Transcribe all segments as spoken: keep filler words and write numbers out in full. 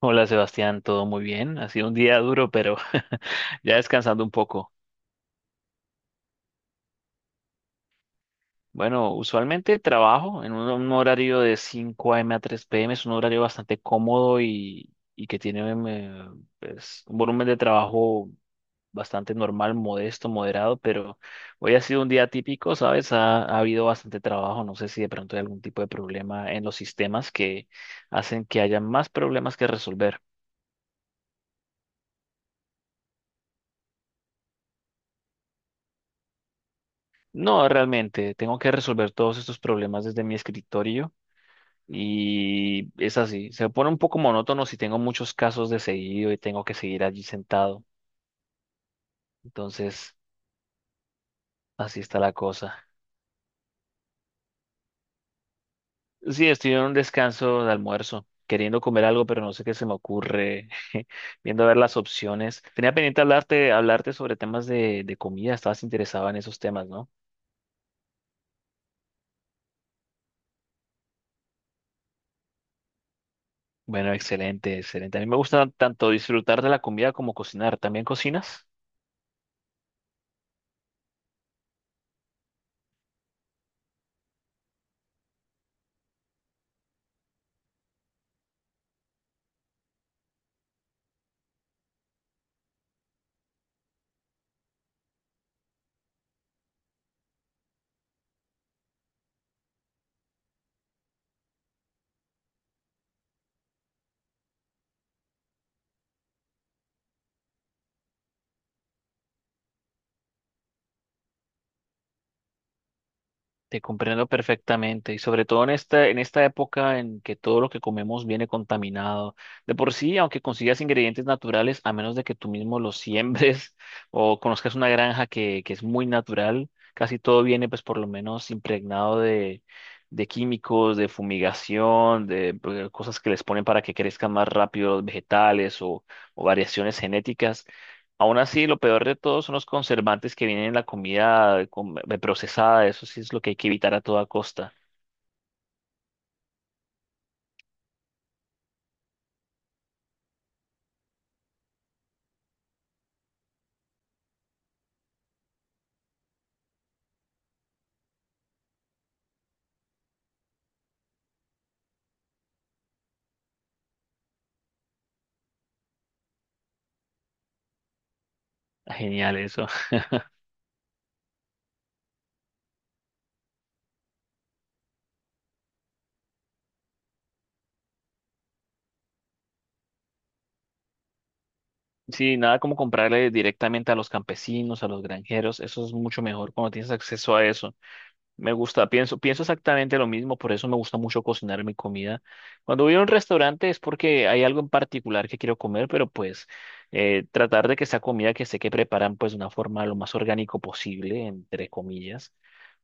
Hola Sebastián, todo muy bien. Ha sido un día duro, pero ya descansando un poco. Bueno, usualmente trabajo en un, un horario de cinco a m a tres p m. Es un horario bastante cómodo y, y que tiene eh, pues, un volumen de trabajo bastante normal, modesto, moderado, pero hoy ha sido un día típico, ¿sabes? Ha, ha habido bastante trabajo. No sé si de pronto hay algún tipo de problema en los sistemas que hacen que haya más problemas que resolver. No, realmente, tengo que resolver todos estos problemas desde mi escritorio y es así. Se pone un poco monótono si tengo muchos casos de seguido y tengo que seguir allí sentado. Entonces, así está la cosa. Sí, estoy en un descanso de almuerzo, queriendo comer algo, pero no sé qué se me ocurre, viendo a ver las opciones. Tenía pendiente hablarte, hablarte sobre temas de, de comida, estabas interesado en esos temas, ¿no? Bueno, excelente, excelente. A mí me gusta tanto disfrutar de la comida como cocinar. ¿También cocinas? Te comprendo perfectamente y sobre todo en esta, en esta época en que todo lo que comemos viene contaminado. De por sí, aunque consigas ingredientes naturales, a menos de que tú mismo los siembres o conozcas una granja que, que es muy natural, casi todo viene pues por lo menos impregnado de, de químicos, de fumigación, de, eh, cosas que les ponen para que crezcan más rápido los vegetales o, o variaciones genéticas. Aún así, lo peor de todo son los conservantes que vienen en la comida con- procesada. Eso sí es lo que hay que evitar a toda costa. Genial eso. Sí, nada como comprarle directamente a los campesinos, a los granjeros. Eso es mucho mejor cuando tienes acceso a eso. Me gusta, pienso, pienso exactamente lo mismo, por eso me gusta mucho cocinar mi comida. Cuando voy a un restaurante es porque hay algo en particular que quiero comer, pero pues eh, tratar de que esa comida que sé que preparan pues de una forma lo más orgánico posible, entre comillas,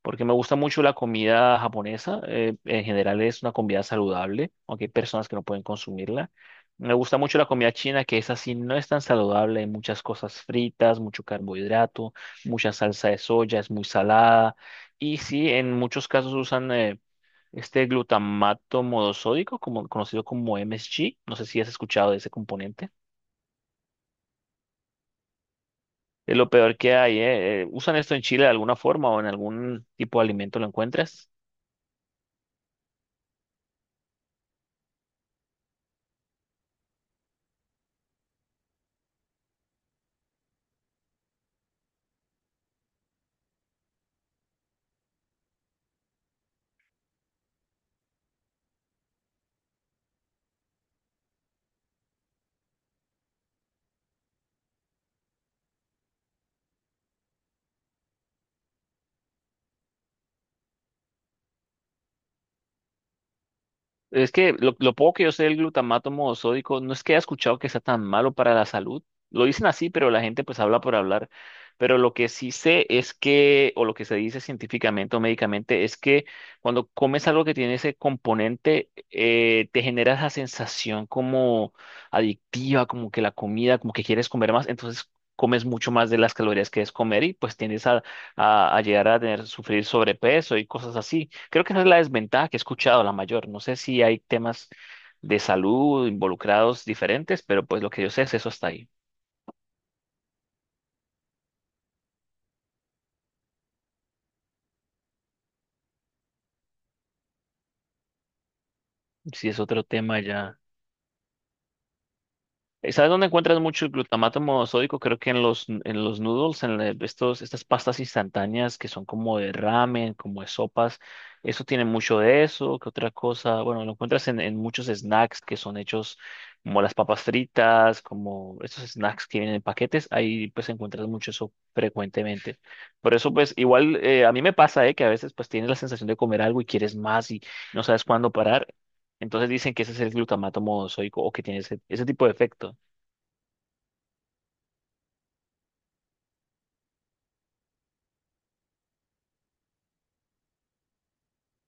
porque me gusta mucho la comida japonesa, eh, en general es una comida saludable, aunque hay personas que no pueden consumirla. Me gusta mucho la comida china, que es así, no es tan saludable, hay muchas cosas fritas, mucho carbohidrato, mucha salsa de soya, es muy salada y sí, en muchos casos usan eh, este glutamato monosódico, como, conocido como M S G. No sé si has escuchado de ese componente. Es lo peor que hay, ¿eh? Eh, ¿Usan esto en Chile de alguna forma o en algún tipo de alimento lo encuentras? Es que lo, lo poco que yo sé del glutamato monosódico, no es que haya escuchado que sea tan malo para la salud. Lo dicen así, pero la gente pues habla por hablar. Pero lo que sí sé es que, o lo que se dice científicamente o médicamente, es que cuando comes algo que tiene ese componente, eh, te genera esa sensación como adictiva, como que la comida, como que quieres comer más. Entonces comes mucho más de las calorías que es comer y pues tiendes a, a, a llegar a tener, sufrir sobrepeso y cosas así. Creo que esa es la desventaja que he escuchado, la mayor. No sé si hay temas de salud involucrados diferentes, pero pues lo que yo sé es eso está ahí. Si es otro tema ya. Eh, ¿Sabes dónde encuentras mucho el glutamato monosódico? Creo que en los, en los noodles, en la- estos, estas pastas instantáneas que son como de ramen, como de sopas. Eso tiene mucho de eso. ¿Qué otra cosa? Bueno, lo encuentras en, en muchos snacks que son hechos como las papas fritas, como estos snacks que vienen en paquetes. Ahí pues encuentras mucho eso frecuentemente. Por eso pues igual eh, a mí me pasa eh, que a veces pues tienes la sensación de comer algo y quieres más y no sabes cuándo parar. Entonces dicen que ese es el glutamato monosódico o que tiene ese, ese tipo de efecto.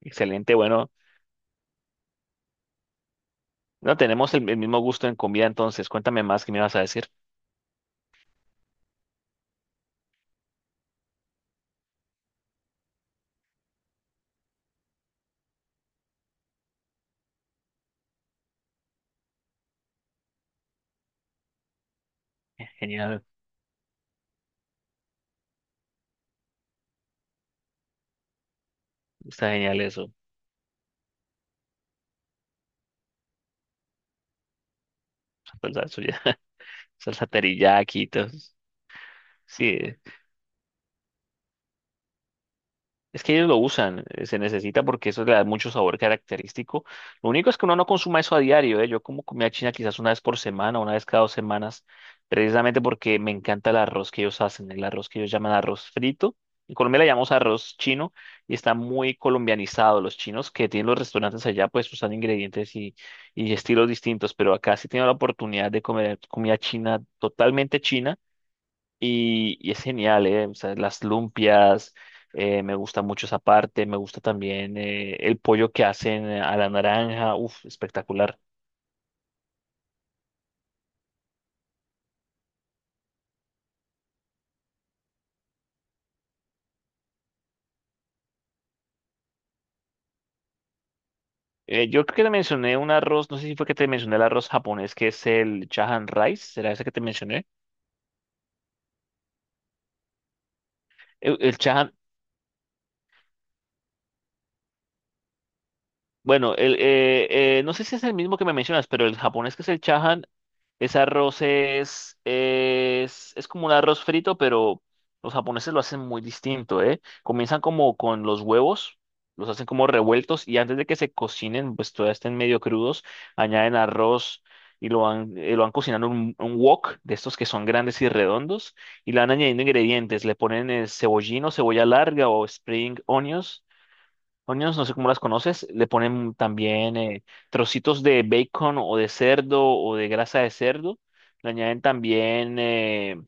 Excelente, bueno, no tenemos el, el mismo gusto en comida, entonces cuéntame más que me vas a decir. Genial, está genial eso, salsa, eso ya, salsa teriyaki, todo. Sí, es que ellos lo usan, eh, se necesita porque eso le da mucho sabor característico. Lo único es que uno no consuma eso a diario, ¿eh? Yo como comida china quizás una vez por semana, una vez cada dos semanas, precisamente porque me encanta el arroz que ellos hacen, el arroz que ellos llaman arroz frito. En Colombia le llamamos arroz chino y está muy colombianizado. Los chinos que tienen los restaurantes allá pues usan ingredientes y, y estilos distintos, pero acá sí tengo la oportunidad de comer comida china totalmente china y, y es genial, ¿eh? O sea, las lumpias, eh, me gusta mucho esa parte, me gusta también eh, el pollo que hacen a la naranja, uff, espectacular. Eh, yo creo que te mencioné un arroz, no sé si fue que te mencioné el arroz japonés, que es el Chahan Rice, ¿será ese que te mencioné? El, el Chahan, bueno, el, eh, eh, no sé si es el mismo que me mencionas, pero el japonés que es el Chahan. Ese arroz es, es, es como un arroz frito, pero los japoneses lo hacen muy distinto, ¿eh? Comienzan como con los huevos, los hacen como revueltos y antes de que se cocinen, pues todavía estén medio crudos, añaden arroz y lo van, eh, lo van cocinando en un, un wok de estos que son grandes y redondos y le van añadiendo ingredientes, le ponen eh, cebollino, cebolla larga o spring onions. Onions, no sé cómo las conoces, le ponen también eh, trocitos de bacon o de cerdo o de grasa de cerdo. Le añaden también, eh,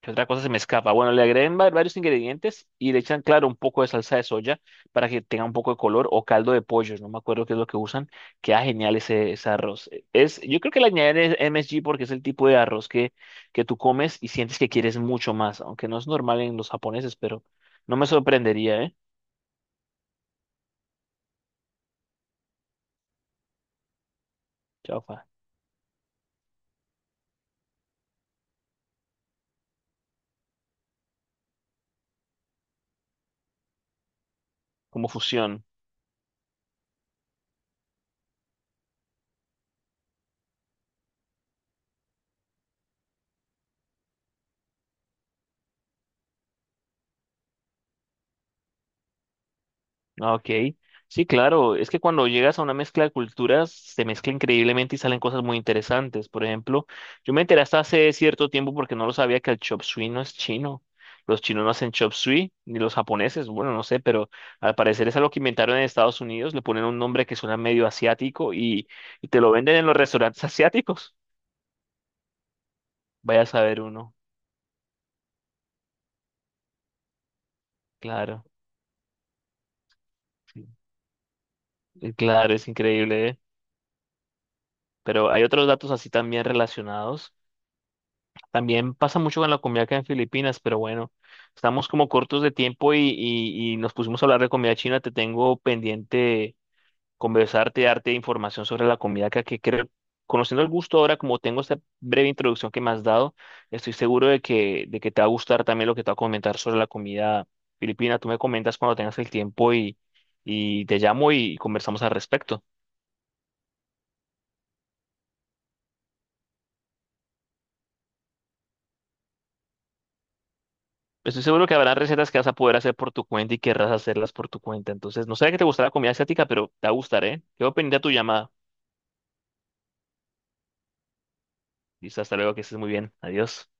¿qué otra cosa se me escapa? Bueno, le agregan va- varios ingredientes y le echan, claro, un poco de salsa de soya para que tenga un poco de color o caldo de pollo, no me acuerdo qué es lo que usan. Queda genial ese, ese arroz. E, Es, yo creo que le añaden es M S G porque es el tipo de arroz que, que tú comes y sientes que quieres mucho más, aunque no es normal en los japoneses, pero no me sorprendería, ¿eh? Chaufa, como fusión. Ah, ok, sí, claro, es que cuando llegas a una mezcla de culturas se mezcla increíblemente y salen cosas muy interesantes. Por ejemplo, yo me enteré hasta hace cierto tiempo porque no lo sabía que el chop suey no es chino. Los chinos no hacen chop suey, ni los japoneses, bueno, no sé, pero al parecer es algo que inventaron en Estados Unidos, le ponen un nombre que suena medio asiático y, y te lo venden en los restaurantes asiáticos. Vaya a saber uno, claro, sí, Eh, claro, es increíble, ¿eh? Pero hay otros datos así también relacionados. También pasa mucho con la comida acá en Filipinas, pero bueno, estamos como cortos de tiempo y, y- y nos pusimos a hablar de comida china. Te tengo pendiente conversarte, darte información sobre la comida acá, que creo, conociendo el gusto ahora, como tengo esta breve introducción que me has dado, estoy seguro de que, de que te va a gustar también lo que te va a comentar sobre la comida filipina. Tú me comentas cuando tengas el tiempo y, y te llamo y conversamos al respecto. Estoy seguro que habrá recetas que vas a poder hacer por tu cuenta y querrás hacerlas por tu cuenta. Entonces, no sé que te gustará la comida asiática, pero te va a gustar, ¿eh? Quedo pendiente a tu llamada. Listo, hasta luego, que estés muy bien. Adiós.